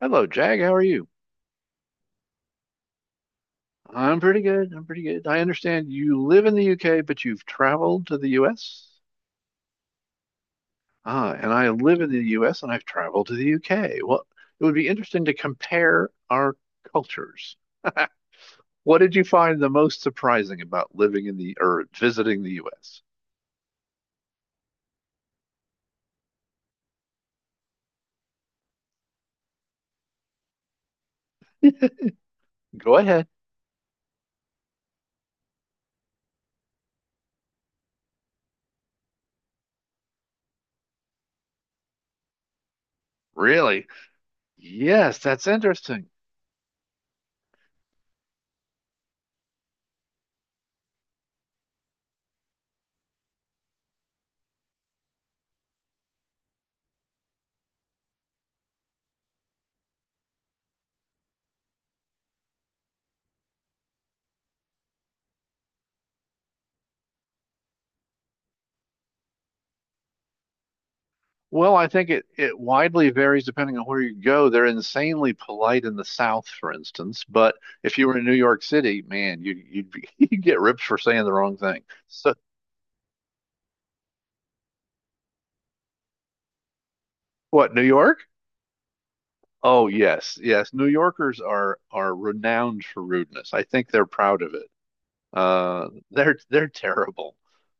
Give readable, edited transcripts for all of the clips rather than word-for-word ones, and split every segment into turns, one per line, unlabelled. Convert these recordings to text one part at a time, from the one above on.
Hello, Jag. How are you? I'm pretty good. I'm pretty good. I understand you live in the UK, but you've traveled to the US. Ah, and I live in the US and I've traveled to the UK. Well, it would be interesting to compare our cultures. What did you find the most surprising about living in the or visiting the US? Go ahead. Really? Yes, that's interesting. Well, I think it widely varies depending on where you go. They're insanely polite in the South, for instance, but if you were in New York City, man, you'd be, you'd get ripped for saying the wrong thing. So, what, New York? Oh, yes, yes. New Yorkers are renowned for rudeness. I think they're proud of it. They're terrible.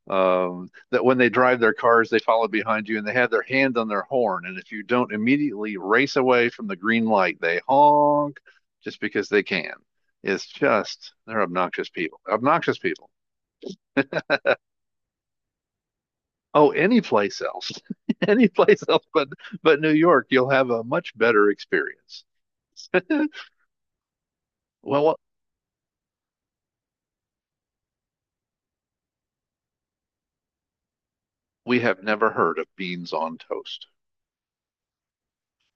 That when they drive their cars, they follow behind you and they have their hand on their horn. And if you don't immediately race away from the green light, they honk just because they can. It's just they're obnoxious people. Obnoxious people. Oh, any place else, any place else but New York, you'll have a much better experience. Well, we have never heard of beans on toast.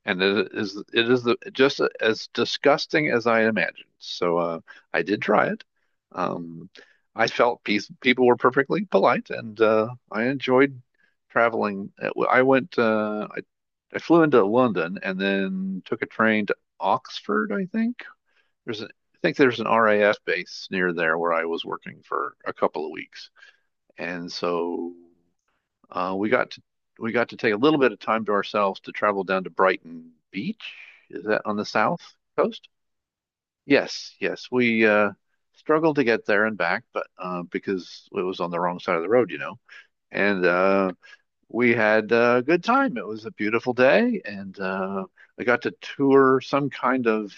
And it is just as disgusting as I imagined. So I did try it. Um, I felt peace, people were perfectly polite, and I enjoyed traveling. I flew into London and then took a train to Oxford, I think. I think there's an RAF base near there where I was working for a couple of weeks, and so. Uh, we got to we got to take a little bit of time to ourselves to travel down to Brighton Beach. Is that on the south coast? Yes, yes. We struggled to get there and back, but because it was on the wrong side of the road, you know. And we had a good time. It was a beautiful day, and I got to tour some kind of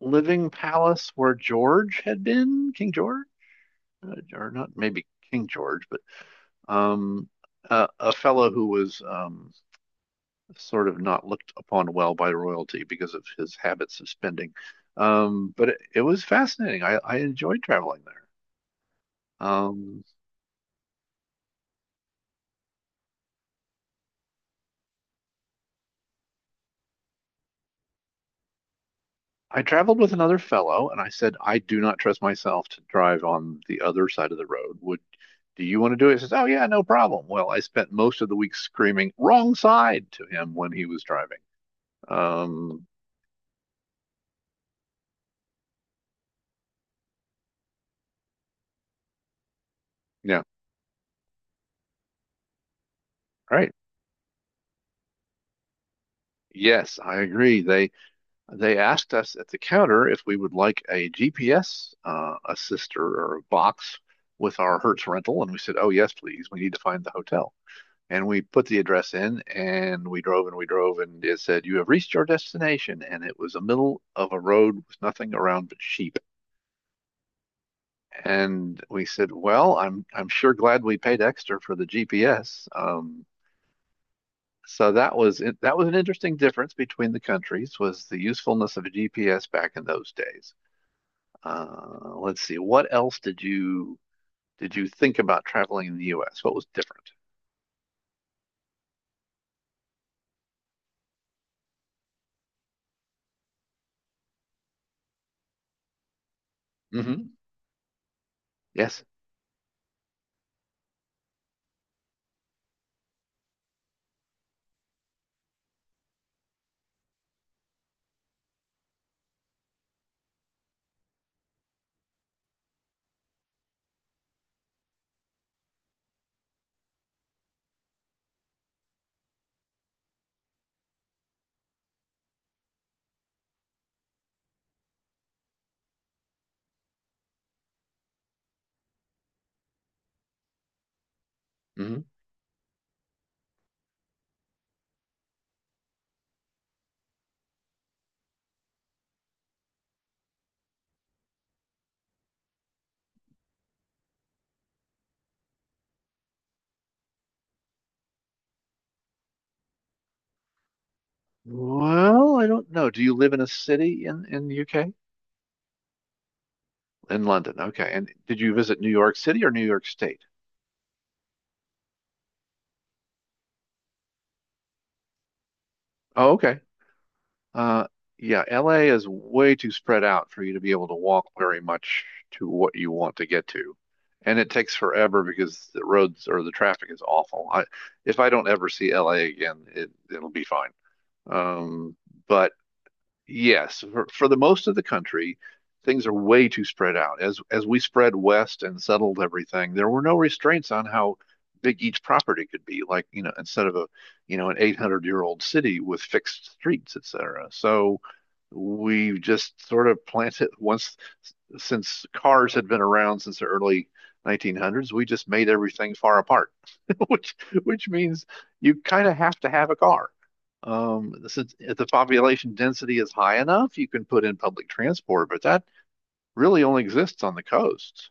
living palace where George had been, King George, or not maybe King George, but um, a fellow who was sort of not looked upon well by royalty because of his habits of spending. But it was fascinating. I enjoyed traveling there. Um, I traveled with another fellow, and I said, I do not trust myself to drive on the other side of the road. Would Do you want to do it? He says, oh yeah, no problem. Well, I spent most of the week screaming wrong side to him when he was driving. Um, yeah, right. Yes, I agree. They asked us at the counter if we would like a GPS assister or a box with our Hertz rental, and we said, "Oh yes, please. We need to find the hotel." And we put the address in, and we drove and we drove, and it said, "You have reached your destination." And it was the middle of a road with nothing around but sheep. And we said, "Well, I'm sure glad we paid extra for the GPS." So that was an interesting difference between the countries was the usefulness of a GPS back in those days. Let's see. What else did you think about traveling in the U.S.? What was different? Hmm. Yes. Hmm. Well, I don't know. Do you live in a city in the U.K.? In London. Okay. And did you visit New York City or New York State? Oh, okay. Uh, yeah, L.A. is way too spread out for you to be able to walk very much to what you want to get to. And it takes forever because the roads or the traffic is awful. If I don't ever see L.A. again, it'll be fine. Um, but Yes, for the most of the country, things are way too spread out. As we spread west and settled everything, there were no restraints on how big each property could be. Like, you know, instead of a, you know, an 800-year-old city with fixed streets, etc. So we just sort of planted once since cars had been around since the early 1900s, we just made everything far apart, which which means you kind of have to have a car. Since if the population density is high enough, you can put in public transport, but that really only exists on the coasts.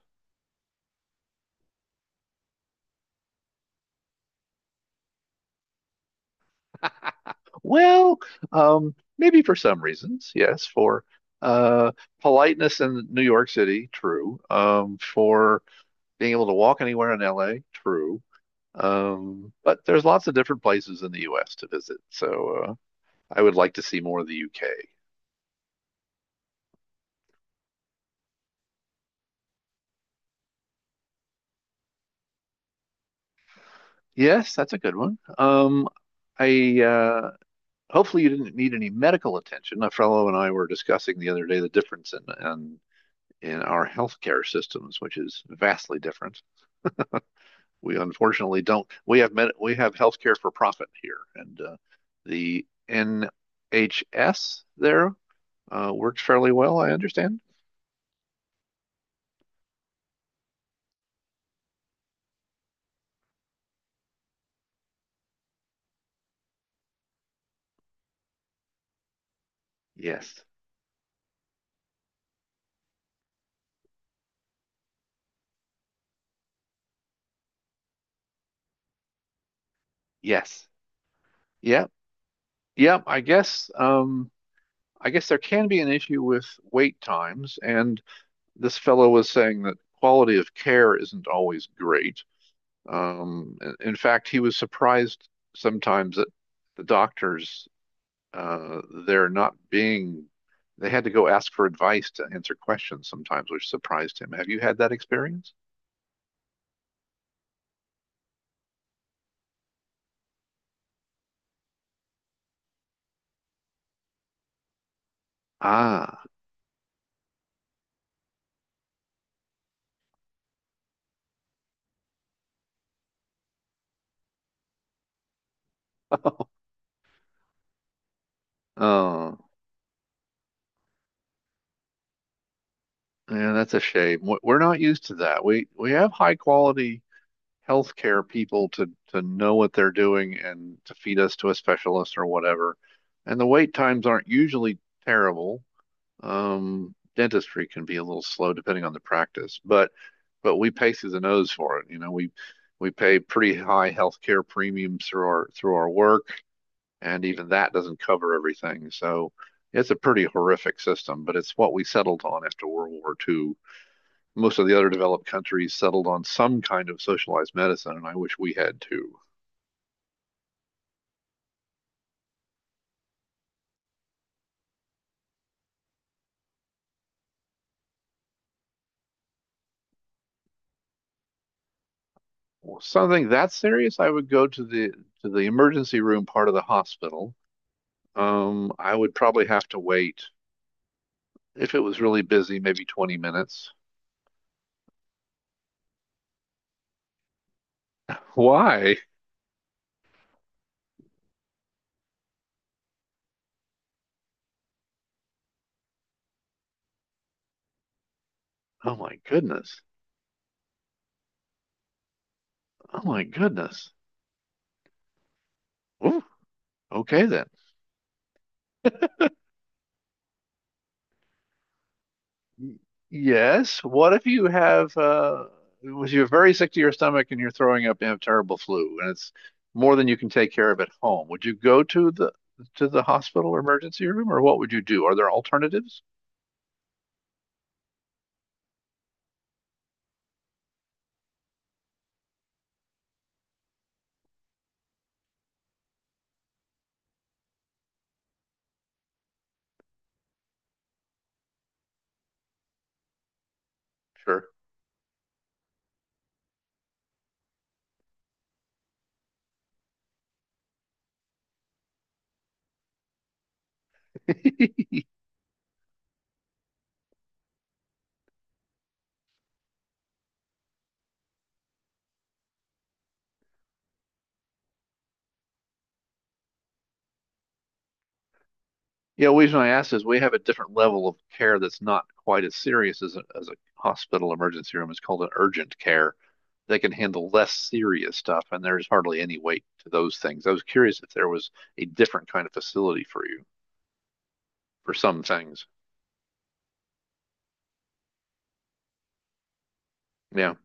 Well, maybe for some reasons, yes, for uh, politeness in New York City, true. For being able to walk anywhere in LA, true. But there's lots of different places in the US to visit, so I would like to see more of the UK. Yes, that's a good one. I hopefully you didn't need any medical attention. A fellow and I were discussing the other day the difference in our healthcare systems, which is vastly different. We unfortunately don't. We have healthcare for profit here, and the NHS there works fairly well, I understand. Yes. Yes. Yeah. yeah, I guess um, I guess there can be an issue with wait times, and this fellow was saying that quality of care isn't always great. In in fact, he was surprised sometimes that the doctors uh, they're not being they had to go ask for advice to answer questions sometimes, which surprised him. Have you had that experience? Ah. Oh, yeah, that's a shame. We- we're not used to that. We have high quality healthcare people to know what they're doing and to feed us to a specialist or whatever. And the wait times aren't usually terrible. Dentistry can be a little slow depending on the practice, but we pay through the nose for it. You know, we pay pretty high healthcare premiums through our work, and even that doesn't cover everything. So it's a pretty horrific system, but it's what we settled on after World War II. Most of the other developed countries settled on some kind of socialized medicine, and I wish we had too. Well, something that serious, I would go to the emergency room part of the hospital. I would probably have to wait if it was really busy, maybe 20 minutes. Why? Oh my goodness. Oh my goodness. Ooh, okay then. Y- yes. What if you have if you're very sick to your stomach and you're throwing up and have terrible flu and it's more than you can take care of at home? Would you go to the hospital or emergency room or what would you do? Are there alternatives? Sure. Yeah, the reason I asked is we have a different level of care that's not quite as serious as as a hospital emergency room. It's called an urgent care. They can handle less serious stuff, and there's hardly any weight to those things. I was curious if there was a different kind of facility for you. For some things. Yeah.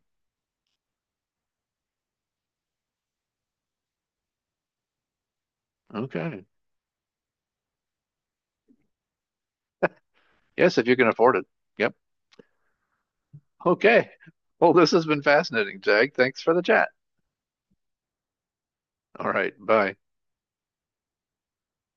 Okay. Yes, if you can afford it. Yep. Okay. Well, this has been fascinating, Jag. Thanks for the chat. All right. Bye.